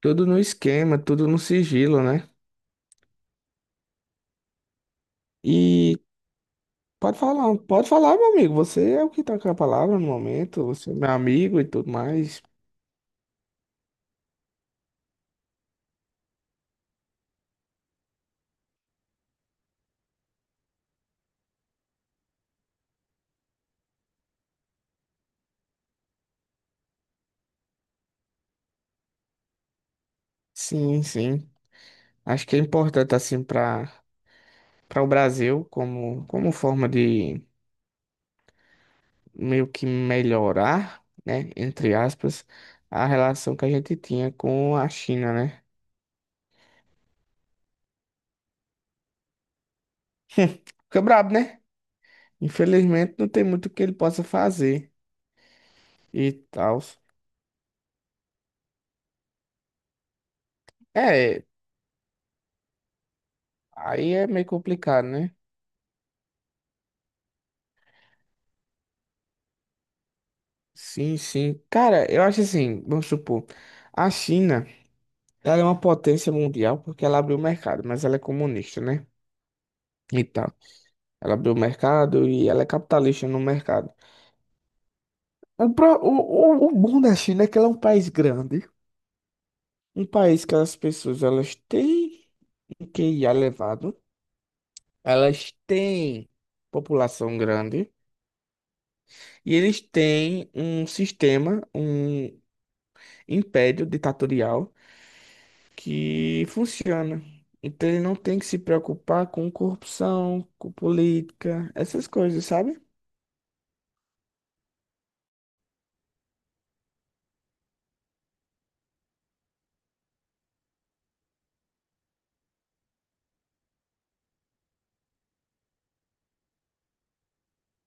Tudo no esquema, tudo no sigilo, né? E pode falar, meu amigo. Você é o que tá com a palavra no momento, você é meu amigo e tudo mais. Sim, sim. Acho que é importante assim para o Brasil como forma de meio que melhorar, né, entre aspas, a relação que a gente tinha com a China, né? Fica brabo, né? Infelizmente não tem muito que ele possa fazer e tal. É, aí é meio complicado, né? Sim, sim. Cara, eu acho assim, vamos supor, a China, ela é uma potência mundial porque ela abriu o mercado, mas ela é comunista, né? E tal. Ela abriu o mercado e ela é capitalista no mercado. O, pro- o bom da China é que ela é um país grande, um país que as pessoas, elas têm um QIA elevado, elas têm população grande e eles têm um sistema, um império ditatorial que funciona. Então ele não tem que se preocupar com corrupção, com política, essas coisas, sabe?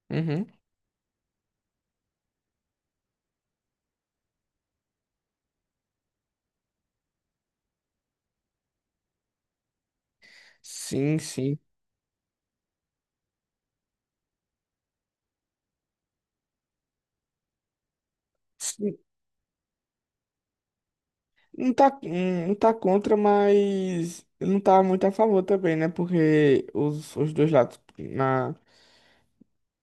Uhum. Sim, sim. Sim, Não tá, não tá contra, mas não tá muito a favor também, né? Porque os dois lados, na,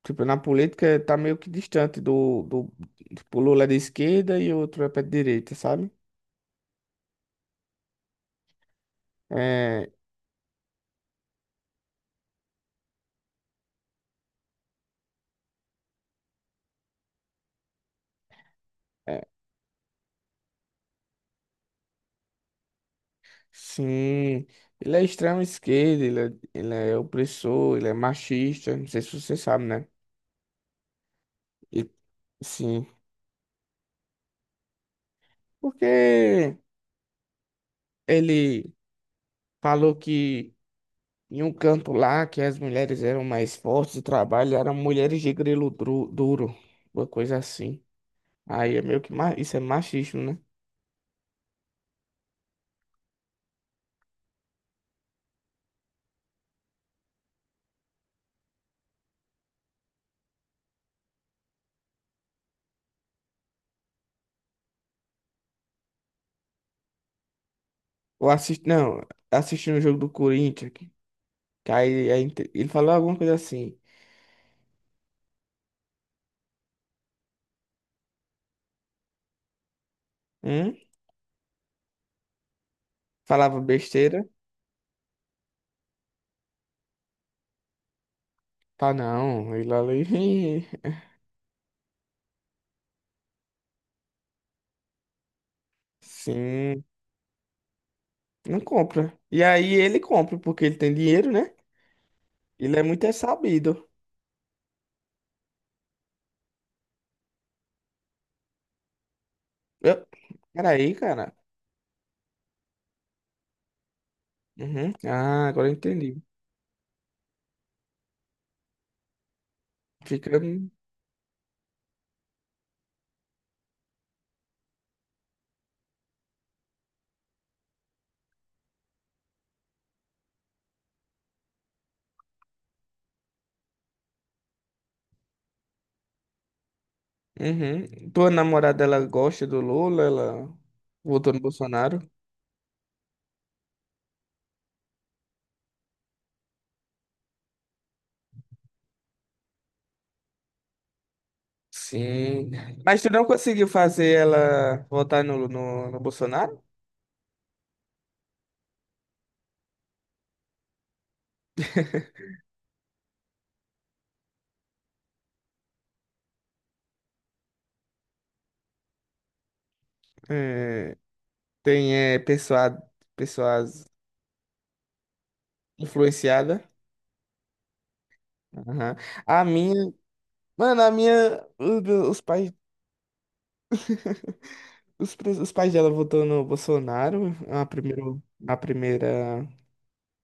tipo, na política, tá meio que distante do tipo, Lula é de esquerda e o outro é pra direita, sabe? É, é. Sim, ele é extrema esquerda, ele é opressor, ele é machista, não sei se você sabe, né? E, sim, porque ele falou que em um canto lá que as mulheres eram mais fortes e trabalho eram mulheres de grelo duro, uma coisa assim. Aí é meio que isso é machismo, né? Ou assisti, não, assistindo o jogo do Corinthians, que aí, ele falou alguma coisa assim, hum? Falava besteira, tá não, ele ali. Sim, não compra. E aí ele compra, porque ele tem dinheiro, né? Ele é muito é sabido. Eu... Peraí, cara. Uhum. Ah, agora eu entendi. Fica. Uhum. Tua namorada, ela gosta do Lula? Ela votou no Bolsonaro? Sim. Mas tu não conseguiu fazer ela votar no Bolsonaro? É, tem é, pessoas influenciadas. Aham. A minha. Mano, a minha. Os pais. Os pais dela votou no Bolsonaro, a primeira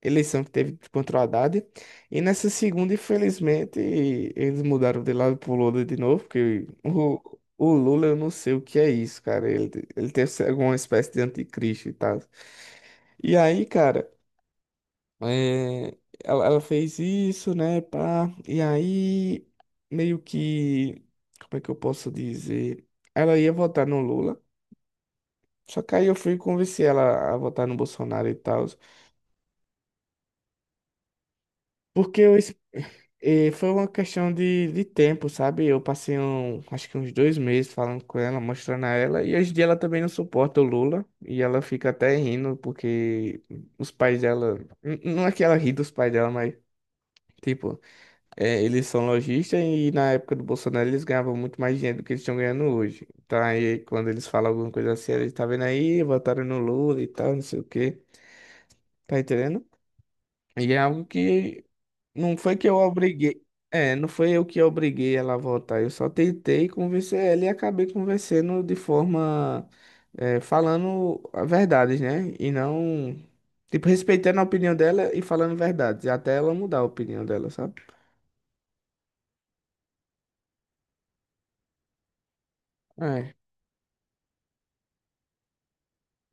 eleição que teve contra o Haddad. E nessa segunda, infelizmente, eles mudaram de lado pro Lula de novo, porque o Lula, eu não sei o que é isso, cara. Ele deve ser alguma espécie de anticristo e tal. E aí, cara, é, ela fez isso, né, pá. E aí, meio que, como é que eu posso dizer? Ela ia votar no Lula. Só que aí eu fui e convenci ela a votar no Bolsonaro e tal. Porque foi uma questão de tempo, sabe? Eu passei um, acho que uns 2 meses falando com ela, mostrando a ela. E hoje em dia ela também não suporta o Lula. E ela fica até rindo, porque os pais dela. Não é que ela ri dos pais dela, mas. Tipo, eles são lojistas e na época do Bolsonaro eles ganhavam muito mais dinheiro do que eles estão ganhando hoje. Então aí quando eles falam alguma coisa assim, eles tá vendo aí, votaram no Lula e tal, não sei o quê. Tá entendendo? E é algo que não foi que eu obriguei. É, não foi eu que obriguei ela a voltar. Eu só tentei convencer ela e acabei convencendo de forma, falando a verdade, né? E não, tipo, respeitando a opinião dela e falando verdades, até ela mudar a opinião dela, sabe? É.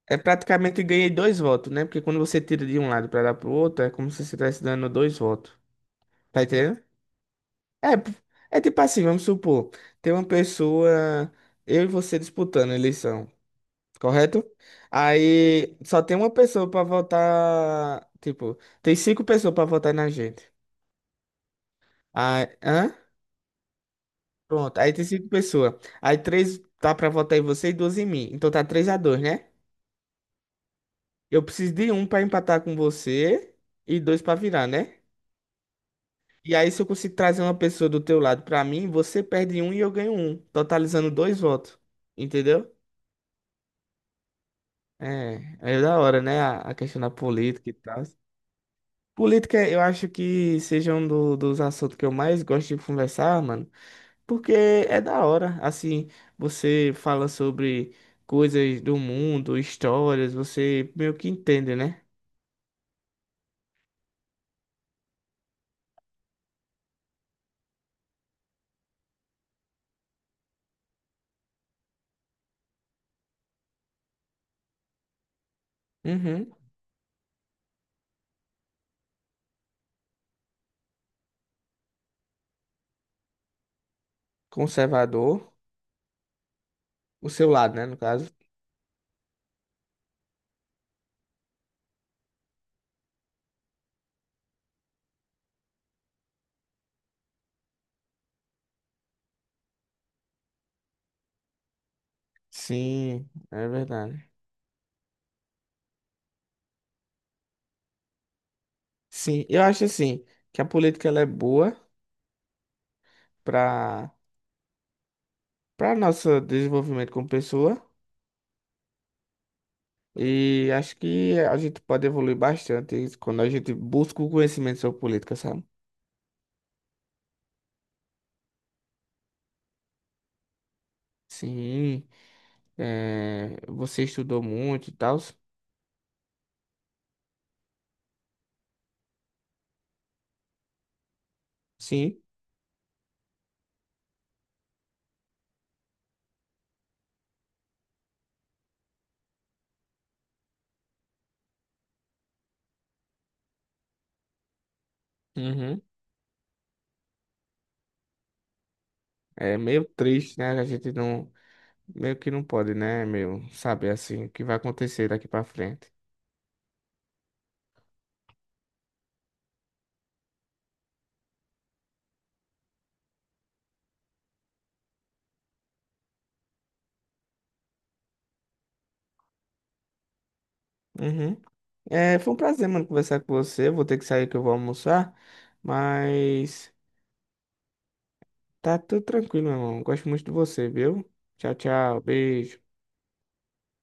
É praticamente ganhei 2 votos, né? Porque quando você tira de um lado pra dar pro outro, é como se você estivesse dando 2 votos. Tá entendendo? É, é tipo assim, vamos supor, tem uma pessoa, eu e você disputando a eleição. Correto? Aí só tem uma pessoa pra votar. Tipo, tem 5 pessoas pra votar na gente. Aí, hã? Pronto, aí tem 5 pessoas. Aí três tá pra votar em você e duas em mim. Então tá 3-2, né? Eu preciso de um pra empatar com você e dois pra virar, né? E aí, se eu conseguir trazer uma pessoa do teu lado pra mim, você perde um e eu ganho um, totalizando 2 votos. Entendeu? É, é da hora, né? A questão da política e tal. Política, eu acho que seja um dos assuntos que eu mais gosto de conversar, mano, porque é da hora. Assim, você fala sobre coisas do mundo, histórias, você meio que entende, né? Uhum. Conservador, o seu lado, né, no caso. Sim, é verdade. Sim, eu acho assim que a política ela é boa para nosso desenvolvimento como pessoa e acho que a gente pode evoluir bastante quando a gente busca o conhecimento sobre política, sabe? Sim, é, você estudou muito e tal. Sim. Uhum. É meio triste, né? A gente não, meio que não pode, né, meu, saber assim o que vai acontecer daqui pra frente. Uhum. É, foi um prazer, mano, conversar com você. Vou ter que sair que eu vou almoçar, mas tá tudo tranquilo, meu irmão. Gosto muito de você, viu? Tchau, tchau, beijo.